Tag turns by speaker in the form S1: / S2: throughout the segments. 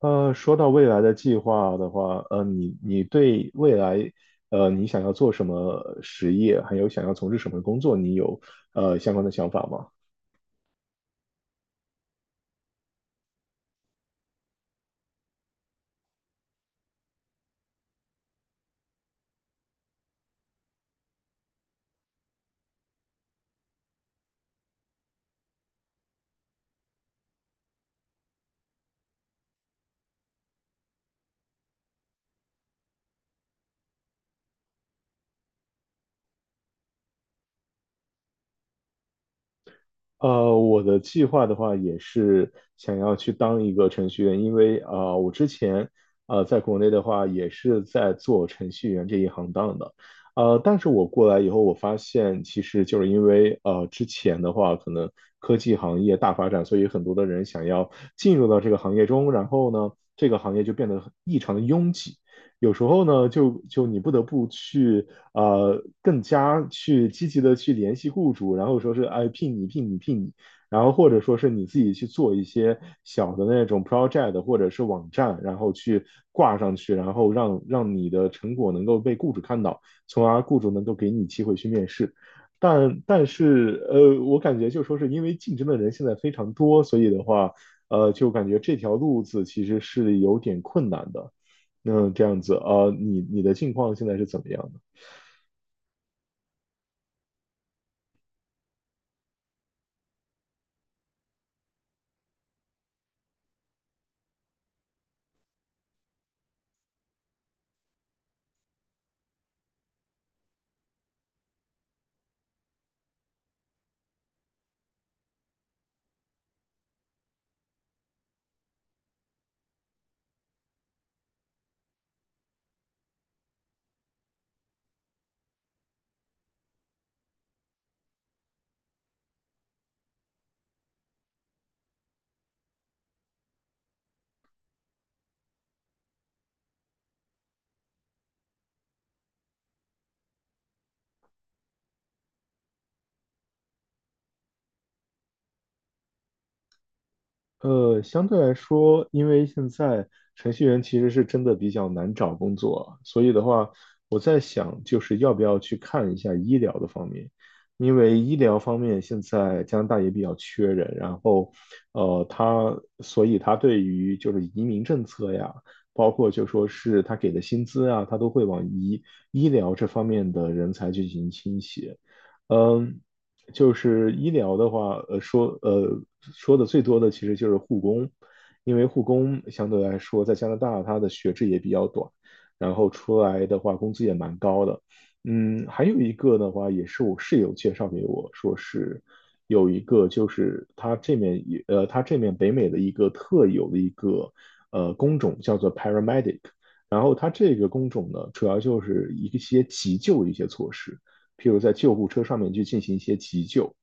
S1: 说到未来的计划的话，你对未来，你想要做什么实业，还有想要从事什么工作，你有相关的想法吗？我的计划的话也是想要去当一个程序员，因为我之前在国内的话也是在做程序员这一行当的。但是我过来以后，我发现其实就是因为之前的话可能科技行业大发展，所以很多的人想要进入到这个行业中。然后呢，这个行业就变得很异常的拥挤。有时候呢，就你不得不去更加去积极的去联系雇主，然后说是哎聘你聘你聘你，然后或者说是你自己去做一些小的那种 project 或者是网站，然后去挂上去，然后让你的成果能够被雇主看到，从而雇主能够给你机会去面试。但是我感觉就说是因为竞争的人现在非常多，所以的话，就感觉这条路子其实是有点困难的。那这样子啊，你的境况现在是怎么样的？相对来说，因为现在程序员其实是真的比较难找工作，所以的话，我在想，就是要不要去看一下医疗的方面，因为医疗方面现在加拿大也比较缺人。然后，他所以他对于就是移民政策呀，包括就说是他给的薪资啊，他都会往医疗这方面的人才去进行倾斜。嗯，就是医疗的话，说的最多的其实就是护工，因为护工相对来说在加拿大它的学制也比较短，然后出来的话工资也蛮高的。嗯，还有一个的话也是我室友介绍给我说是有一个就是他这面也他这面北美的一个特有的一个工种叫做 paramedic,然后他这个工种呢主要就是一些急救的一些措施。譬如在救护车上面去进行一些急救。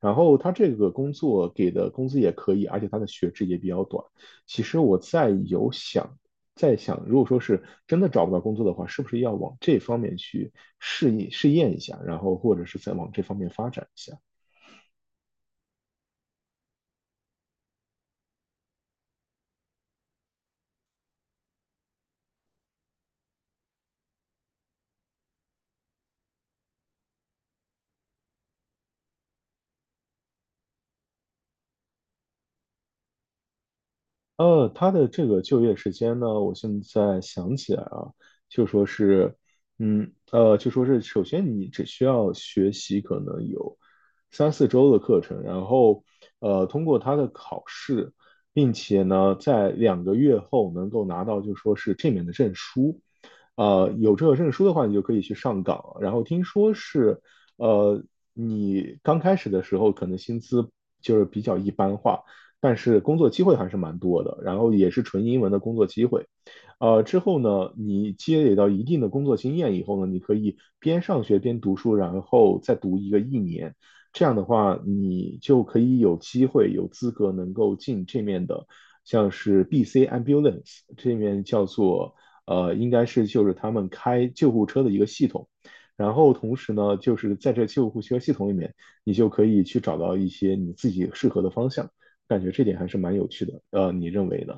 S1: 然后他这个工作给的工资也可以，而且他的学制也比较短。其实我在有想，在想，如果说是真的找不到工作的话，是不是要往这方面去试一试验一下，然后或者是再往这方面发展一下？他的这个就业时间呢，我现在想起来啊，就说是，就说是，首先你只需要学习可能有三四周的课程。然后，通过他的考试，并且呢，在两个月后能够拿到就说是这面的证书。有这个证书的话，你就可以去上岗了。然后听说是，呃，你刚开始的时候可能薪资就是比较一般化。但是工作机会还是蛮多的，然后也是纯英文的工作机会。之后呢，你积累到一定的工作经验以后呢，你可以边上学边读书，然后再读一个一年。这样的话，你就可以有机会、有资格能够进这面的，像是 BC Ambulance 这面叫做应该是就是他们开救护车的一个系统。然后同时呢，就是在这救护车系统里面，你就可以去找到一些你自己适合的方向。感觉这点还是蛮有趣的。你认为呢？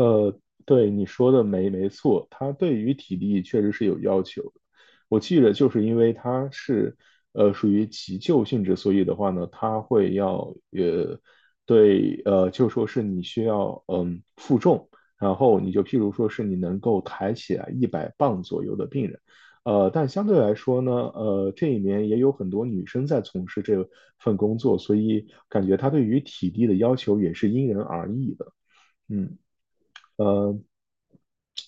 S1: 呃，对，你说的没错，他对于体力确实是有要求的。我记着，就是因为他是属于急救性质，所以的话呢，他会要就说是你需要嗯负重，然后你就譬如说是你能够抬起来100磅左右的病人。但相对来说呢，这里面也有很多女生在从事这份工作，所以感觉他对于体力的要求也是因人而异的，嗯。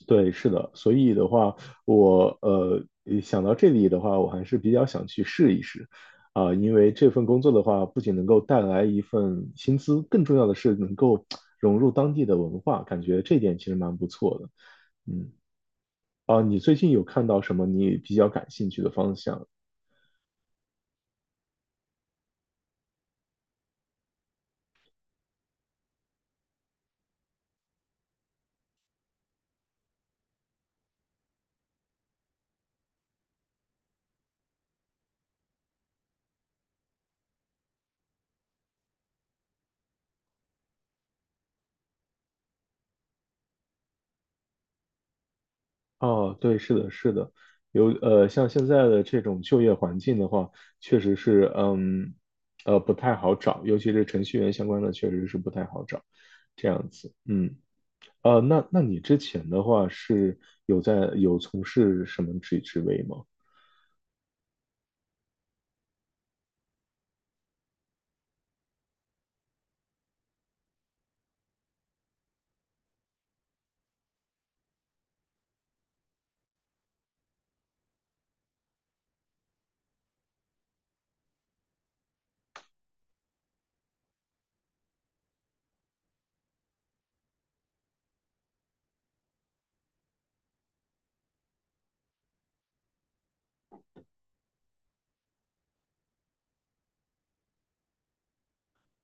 S1: 对，是的，所以的话，我想到这里的话，我还是比较想去试一试。啊、因为这份工作的话，不仅能够带来一份薪资，更重要的是能够 融入当地的文化，感觉这点其实蛮不错的。嗯，啊、你最近有看到什么你比较感兴趣的方向？哦，对，是的，是的，有像现在的这种就业环境的话，确实是，嗯，不太好找，尤其是程序员相关的，确实是不太好找，这样子，那你之前的话是有在有从事什么职位吗？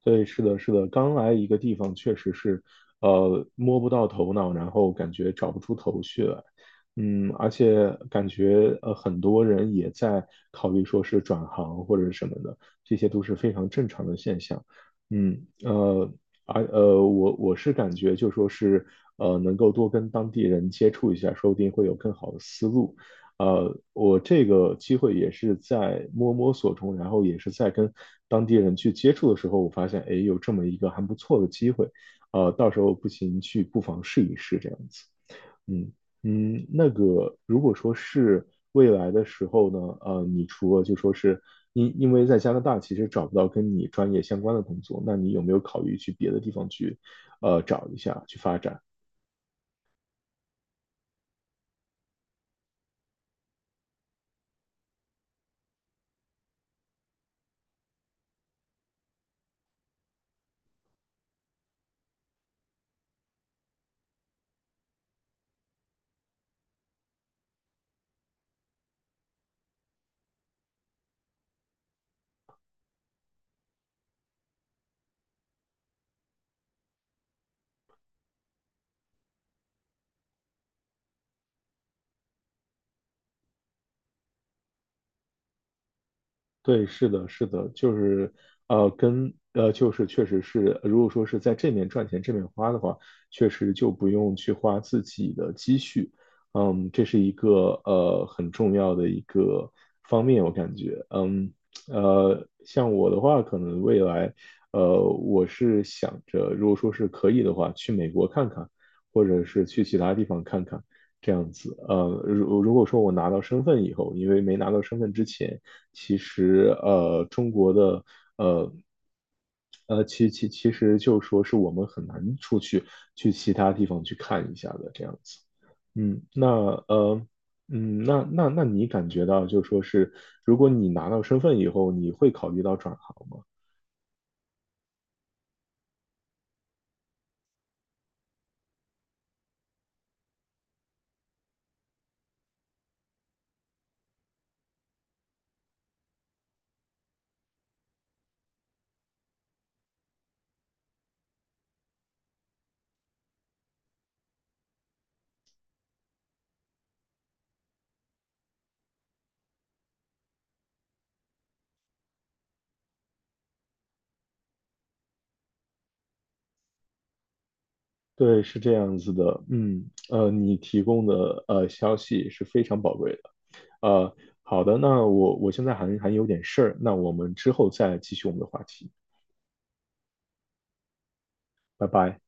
S1: 对，是的，是的，刚来一个地方确实是，摸不到头脑，然后感觉找不出头绪来，嗯，而且感觉很多人也在考虑说是转行或者什么的，这些都是非常正常的现象。嗯，呃，而我是感觉就说是能够多跟当地人接触一下，说不定会有更好的思路。我这个机会也是在摸索中，然后也是在跟当地人去接触的时候，我发现，哎，有这么一个还不错的机会。到时候不行去不妨试一试这样子。嗯嗯，那个如果说是未来的时候呢，你除了就说是因为在加拿大其实找不到跟你专业相关的工作，那你有没有考虑去别的地方去，找一下去发展？对，是的，是的，就是，就是确实是，如果说是在这面赚钱，这面花的话，确实就不用去花自己的积蓄，嗯，这是一个很重要的一个方面，我感觉，嗯。像我的话，可能未来，我是想着，如果说是可以的话，去美国看看，或者是去其他地方看看这样子。如果说我拿到身份以后，因为没拿到身份之前，其实中国的呃。其实就说是我们很难出去去其他地方去看一下的这样子。嗯，那呃，嗯，那那那你感觉到就说是，如果你拿到身份以后，你会考虑到转行吗？对，是这样子的。嗯，你提供的消息是非常宝贵的。呃，好的，那我现在还有点事儿，那我们之后再继续我们的话题，拜拜。